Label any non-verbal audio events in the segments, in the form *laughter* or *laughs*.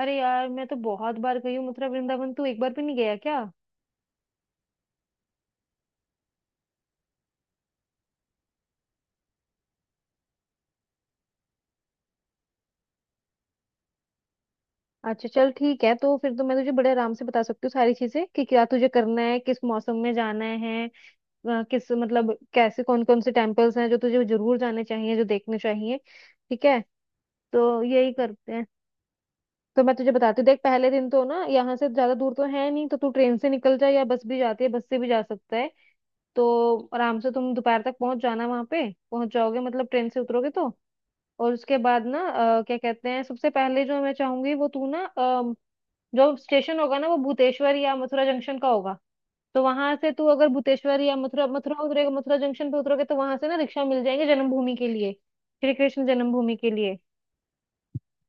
अरे यार मैं तो बहुत बार गई हूँ मथुरा वृंदावन। तू एक बार भी नहीं गया क्या? अच्छा चल ठीक है, तो फिर तो मैं तुझे बड़े आराम से बता सकती हूँ सारी चीजें कि क्या तुझे करना है, किस मौसम में जाना है, किस मतलब कैसे, कौन कौन से टेम्पल्स हैं जो तुझे जरूर जाने चाहिए, जो देखने चाहिए। ठीक है, तो यही करते हैं। तो मैं तुझे बताती हूँ, देख पहले दिन तो ना यहाँ से ज्यादा दूर तो है नहीं, तो तू ट्रेन से निकल जाए या बस भी जाती है, बस से भी जा सकता है। तो आराम से तुम दोपहर तक पहुंच जाना, वहां पे पहुंच जाओगे मतलब ट्रेन से उतरोगे तो। और उसके बाद ना क्या कहते हैं, सबसे पहले जो मैं चाहूंगी वो तू ना, जो स्टेशन होगा ना वो भूतेश्वर या मथुरा जंक्शन का होगा। तो वहां से तू अगर भूतेश्वर या मथुरा मथुरा उतरेगा, मथुरा जंक्शन पे उतरोगे तो वहां से ना रिक्शा मिल जाएंगे, जन्मभूमि के लिए, श्री कृष्ण जन्मभूमि के लिए।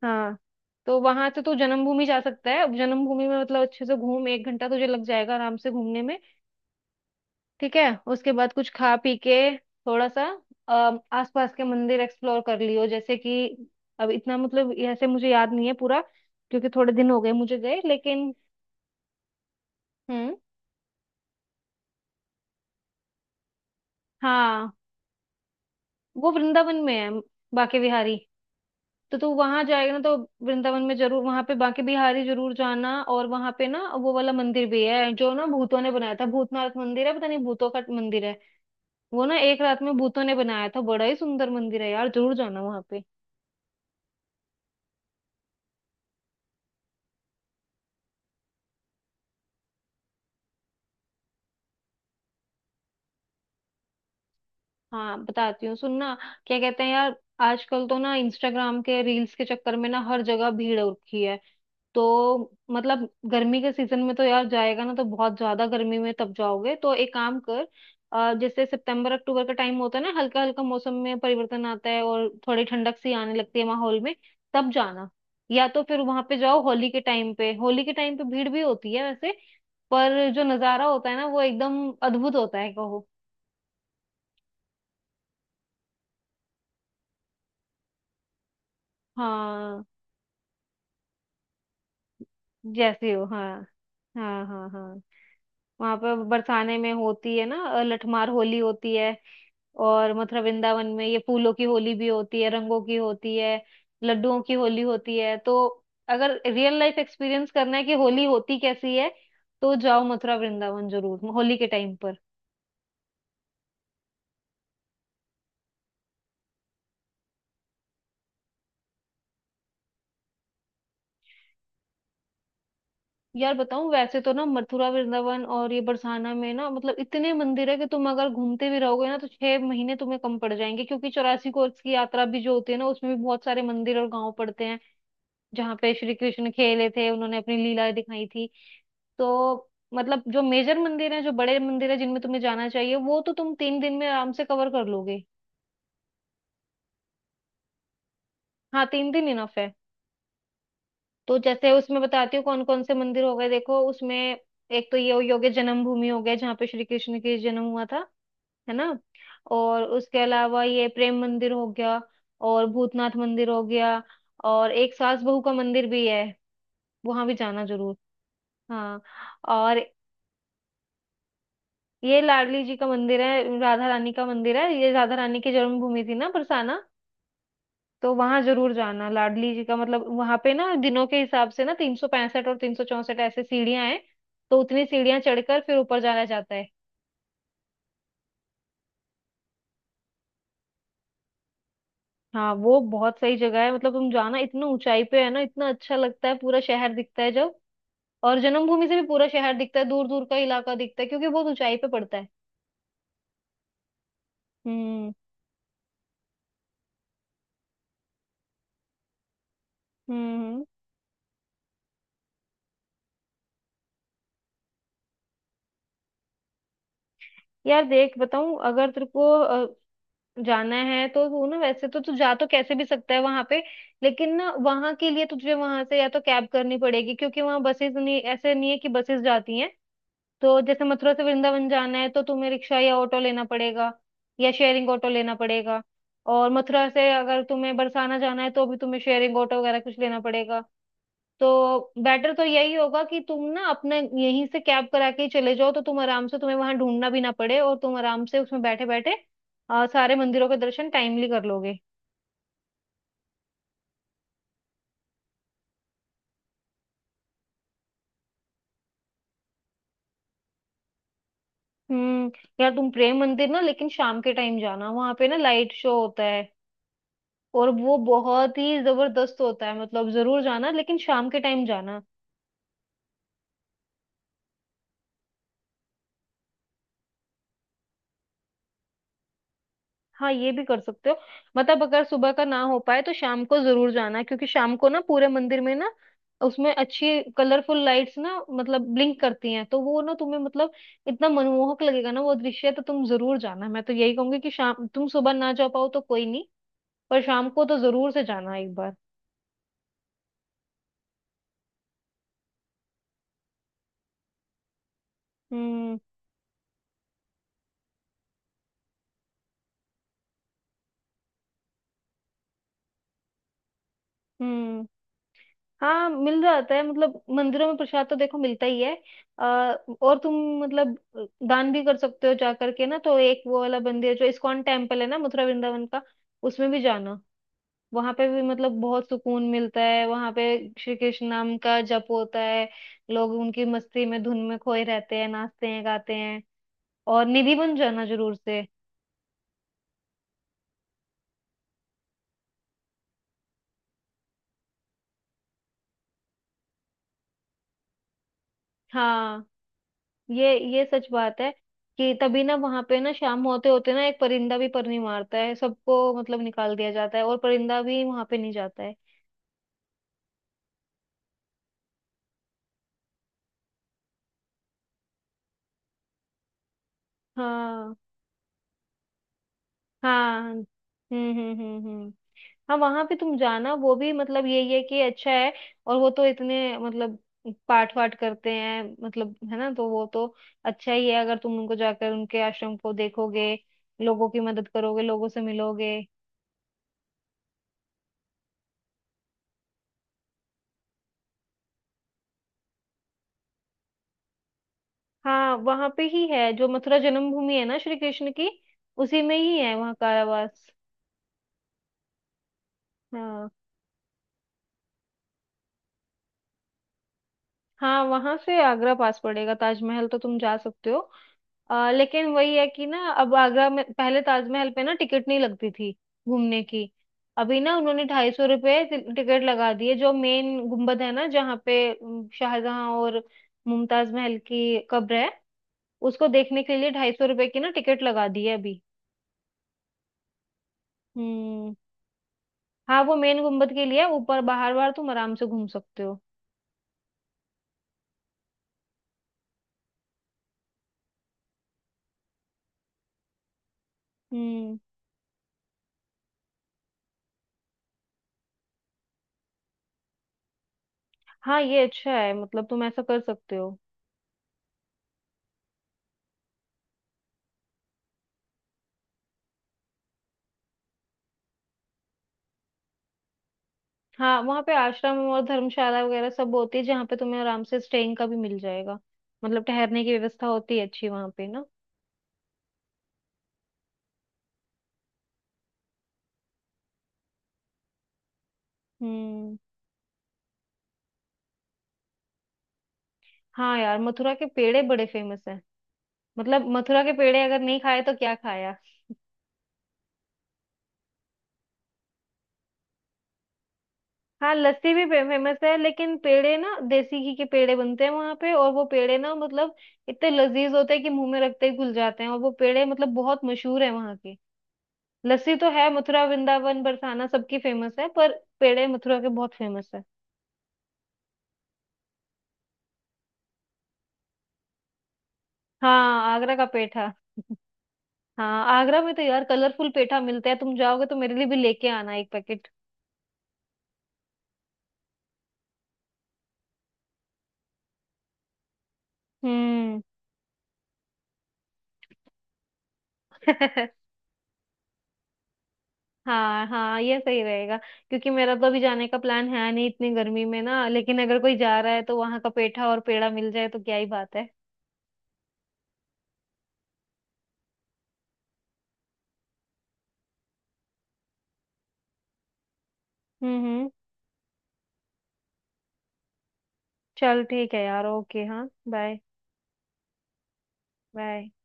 हाँ, तो वहां से तू जन्मभूमि जा सकता है, जन्मभूमि में मतलब अच्छे से घूम, 1 घंटा तुझे लग जाएगा आराम से घूमने में। ठीक है, उसके बाद कुछ खा पी के थोड़ा सा, आसपास के मंदिर एक्सप्लोर कर लियो, जैसे कि अब इतना मतलब ऐसे मुझे याद नहीं है पूरा, क्योंकि थोड़े दिन हो गए मुझे गए, लेकिन। हम्म। हाँ, वो वृंदावन में है बांके बिहारी। तो तू वहां जाएगा ना, तो वृंदावन में जरूर वहां पे बांके बिहारी जरूर जाना। और वहां पे ना वो वाला मंदिर भी है जो ना भूतों ने बनाया था, भूतनाथ मंदिर है, पता नहीं भूतों का मंदिर है, वो ना एक रात में भूतों ने बनाया था। बड़ा ही सुंदर मंदिर है यार, जरूर जाना वहां पे। हाँ बताती हूँ, सुनना। क्या कहते हैं यार, आजकल तो ना इंस्टाग्राम के रील्स के चक्कर में ना हर जगह भीड़ हो रखी है। तो मतलब गर्मी के सीजन में तो यार जाएगा ना तो बहुत ज्यादा गर्मी में तब जाओगे, तो एक काम कर, जैसे सितंबर अक्टूबर का टाइम होता है ना, हल्का हल्का मौसम में परिवर्तन आता है और थोड़ी ठंडक सी आने लगती है माहौल में, तब जाना। या तो फिर वहां पे जाओ होली के टाइम पे, होली के टाइम पे भीड़ भी होती है वैसे, पर जो नजारा होता है ना वो एकदम अद्भुत होता है, कहो। हाँ जैसे हो, हाँ हाँ हाँ। हाँ वहां पर बरसाने में होती है ना लठमार होली होती है। और मथुरा वृंदावन में ये फूलों की होली भी होती है, रंगों की होती है, लड्डुओं की होली होती है। तो अगर रियल लाइफ एक्सपीरियंस करना है कि होली होती कैसी है, तो जाओ मथुरा वृंदावन जरूर होली के टाइम पर। यार बताऊं, वैसे तो ना मथुरा वृंदावन और ये बरसाना में ना मतलब इतने मंदिर है कि तुम अगर घूमते भी रहोगे ना, तो 6 महीने तुम्हें कम पड़ जाएंगे, क्योंकि चौरासी कोर्स की यात्रा भी जो होती है ना उसमें भी बहुत सारे मंदिर और गांव पड़ते हैं, जहाँ पे श्री कृष्ण खेले थे, उन्होंने अपनी लीला दिखाई थी। तो मतलब जो मेजर मंदिर है, जो बड़े मंदिर है, जिनमें तुम्हें जाना चाहिए, वो तो तुम 3 दिन में आराम से कवर कर लोगे। हाँ, 3 दिन इनफ है। तो जैसे उसमें बताती हूँ कौन कौन से मंदिर हो गए, देखो उसमें एक तो ये हो गया जन्मभूमि हो गया, जहाँ पे श्री कृष्ण के जन्म हुआ था, है ना। और उसके अलावा ये प्रेम मंदिर हो गया, और भूतनाथ मंदिर हो गया, और एक सास बहू का मंदिर भी है, वहां भी जाना जरूर। हाँ, और ये लाडली जी का मंदिर है, राधा रानी का मंदिर है, ये राधा रानी की जन्मभूमि थी ना बरसाना। तो वहां जरूर जाना लाडली जी का, मतलब वहां पे ना दिनों के हिसाब से ना 365 और 364 ऐसे सीढ़ियां हैं। तो उतनी सीढ़ियां चढ़कर फिर ऊपर जाया जाता है। हाँ, वो बहुत सही जगह है मतलब, तुम जाना, इतना ऊंचाई पे है ना, इतना अच्छा लगता है, पूरा शहर दिखता है जब। और जन्मभूमि से भी पूरा शहर दिखता है, दूर दूर का इलाका दिखता है, क्योंकि बहुत ऊंचाई पे पड़ता है। हम्म। हम्म। यार देख बताऊं, अगर तेरे को जाना है तो तू ना, वैसे तो तू जा तो कैसे भी सकता है वहां पे, लेकिन ना वहां के लिए तुझे वहां से या तो कैब करनी पड़ेगी, क्योंकि वहां बसेस नहीं, ऐसे नहीं है कि बसेस जाती हैं। तो जैसे मथुरा से वृंदावन जाना है तो तुम्हें रिक्शा या ऑटो लेना पड़ेगा, या शेयरिंग ऑटो लेना पड़ेगा। और मथुरा से अगर तुम्हें बरसाना जाना है तो भी तुम्हें शेयरिंग ऑटो वगैरह कुछ लेना पड़ेगा। तो बेटर तो यही होगा कि तुम ना अपने यहीं से कैब करा के ही चले जाओ, तो तुम आराम से, तुम्हें वहां ढूंढना भी ना पड़े और तुम आराम से उसमें बैठे बैठे सारे मंदिरों के दर्शन टाइमली कर लोगे। हम्म। यार तुम प्रेम मंदिर ना, लेकिन शाम के टाइम जाना, वहां पे ना लाइट शो होता है, और वो बहुत ही जबरदस्त होता है। मतलब जरूर जाना लेकिन शाम के टाइम जाना। हाँ, ये भी कर सकते हो, मतलब अगर सुबह का ना हो पाए तो शाम को जरूर जाना, क्योंकि शाम को ना पूरे मंदिर में ना उसमें अच्छी कलरफुल लाइट्स ना मतलब ब्लिंक करती हैं, तो वो ना तुम्हें मतलब इतना मनमोहक लगेगा ना वो दृश्य, तो तुम जरूर जाना। मैं तो यही कहूंगी कि शाम, तुम सुबह ना जा पाओ तो कोई नहीं, पर शाम को तो जरूर से जाना एक बार। हम्म। हम्म। हाँ मिल जाता है, मतलब मंदिरों में प्रसाद तो देखो मिलता ही है। अ, और तुम मतलब दान भी कर सकते हो जा करके ना। तो एक वो वाला मंदिर जो इस्कॉन टेम्पल है ना मथुरा वृंदावन का, उसमें भी जाना, वहां पे भी मतलब बहुत सुकून मिलता है वहां पे, श्री कृष्ण नाम का जप होता है, लोग उनकी मस्ती में धुन में खोए रहते हैं, नाचते हैं गाते हैं। और निधि वन जाना जरूर से। हाँ, ये सच बात है कि तभी ना वहां पे ना शाम होते होते ना एक परिंदा भी पर नहीं मारता है, सबको मतलब निकाल दिया जाता है और परिंदा भी वहां पे नहीं जाता है। हाँ हाँ। हम्म। हाँ वहां पे तुम जाना, वो भी मतलब यही है कि अच्छा है। और वो तो इतने मतलब पाठ वाठ करते हैं, मतलब है ना, तो वो तो अच्छा ही है अगर तुम उनको जाकर उनके आश्रम को देखोगे, लोगों की मदद करोगे, लोगों से मिलोगे। हाँ वहां पे ही है, जो मथुरा जन्मभूमि है ना श्री कृष्ण की, उसी में ही है वहाँ कारावास। हाँ, हाँ वहां से आगरा पास पड़ेगा, ताजमहल तो तुम जा सकते हो। लेकिन वही है कि ना, अब आगरा में पहले ताजमहल पे ना टिकट नहीं लगती थी घूमने की, अभी ना उन्होंने 250 रुपये टिकट लगा दी है। जो मेन गुम्बद है ना, जहाँ पे शाहजहां और मुमताज महल की कब्र है, उसको देखने के लिए 250 रुपये की ना टिकट लगा दी है अभी। हम्म। हाँ वो मेन गुम्बद के लिए है, ऊपर बाहर बाहर तुम आराम से घूम सकते हो। हम्म। हाँ ये अच्छा है, मतलब तुम ऐसा कर सकते हो। हाँ वहाँ पे आश्रम और धर्मशाला वगैरह सब होती है, जहाँ पे तुम्हें आराम से स्टेइंग का भी मिल जाएगा, मतलब ठहरने की व्यवस्था होती है अच्छी वहाँ पे ना। हम्म। हाँ यार मथुरा के पेड़े बड़े फेमस हैं, मतलब मथुरा के पेड़े अगर नहीं खाए तो क्या खाया। हाँ लस्सी भी फेमस है लेकिन पेड़े ना देसी घी के पेड़े बनते हैं वहां पे, और वो पेड़े ना मतलब इतने लजीज होते हैं कि मुंह में रखते ही घुल जाते हैं, और वो पेड़े मतलब बहुत मशहूर है वहां के। लस्सी तो है मथुरा वृंदावन बरसाना सबकी फेमस है, पर पेड़े मथुरा के बहुत फेमस है। हाँ आगरा का पेठा। *laughs* हाँ आगरा में तो यार कलरफुल पेठा मिलता है, तुम जाओगे तो मेरे लिए भी लेके आना एक पैकेट। हम्म। *laughs* हाँ हाँ ये सही रहेगा, क्योंकि मेरा तो अभी जाने का प्लान है नहीं इतनी गर्मी में ना, लेकिन अगर कोई जा रहा है तो वहां का पेठा और पेड़ा मिल जाए तो क्या ही बात है। हम्म। हम्म। चल ठीक है यार, ओके, हाँ बाय। बाय।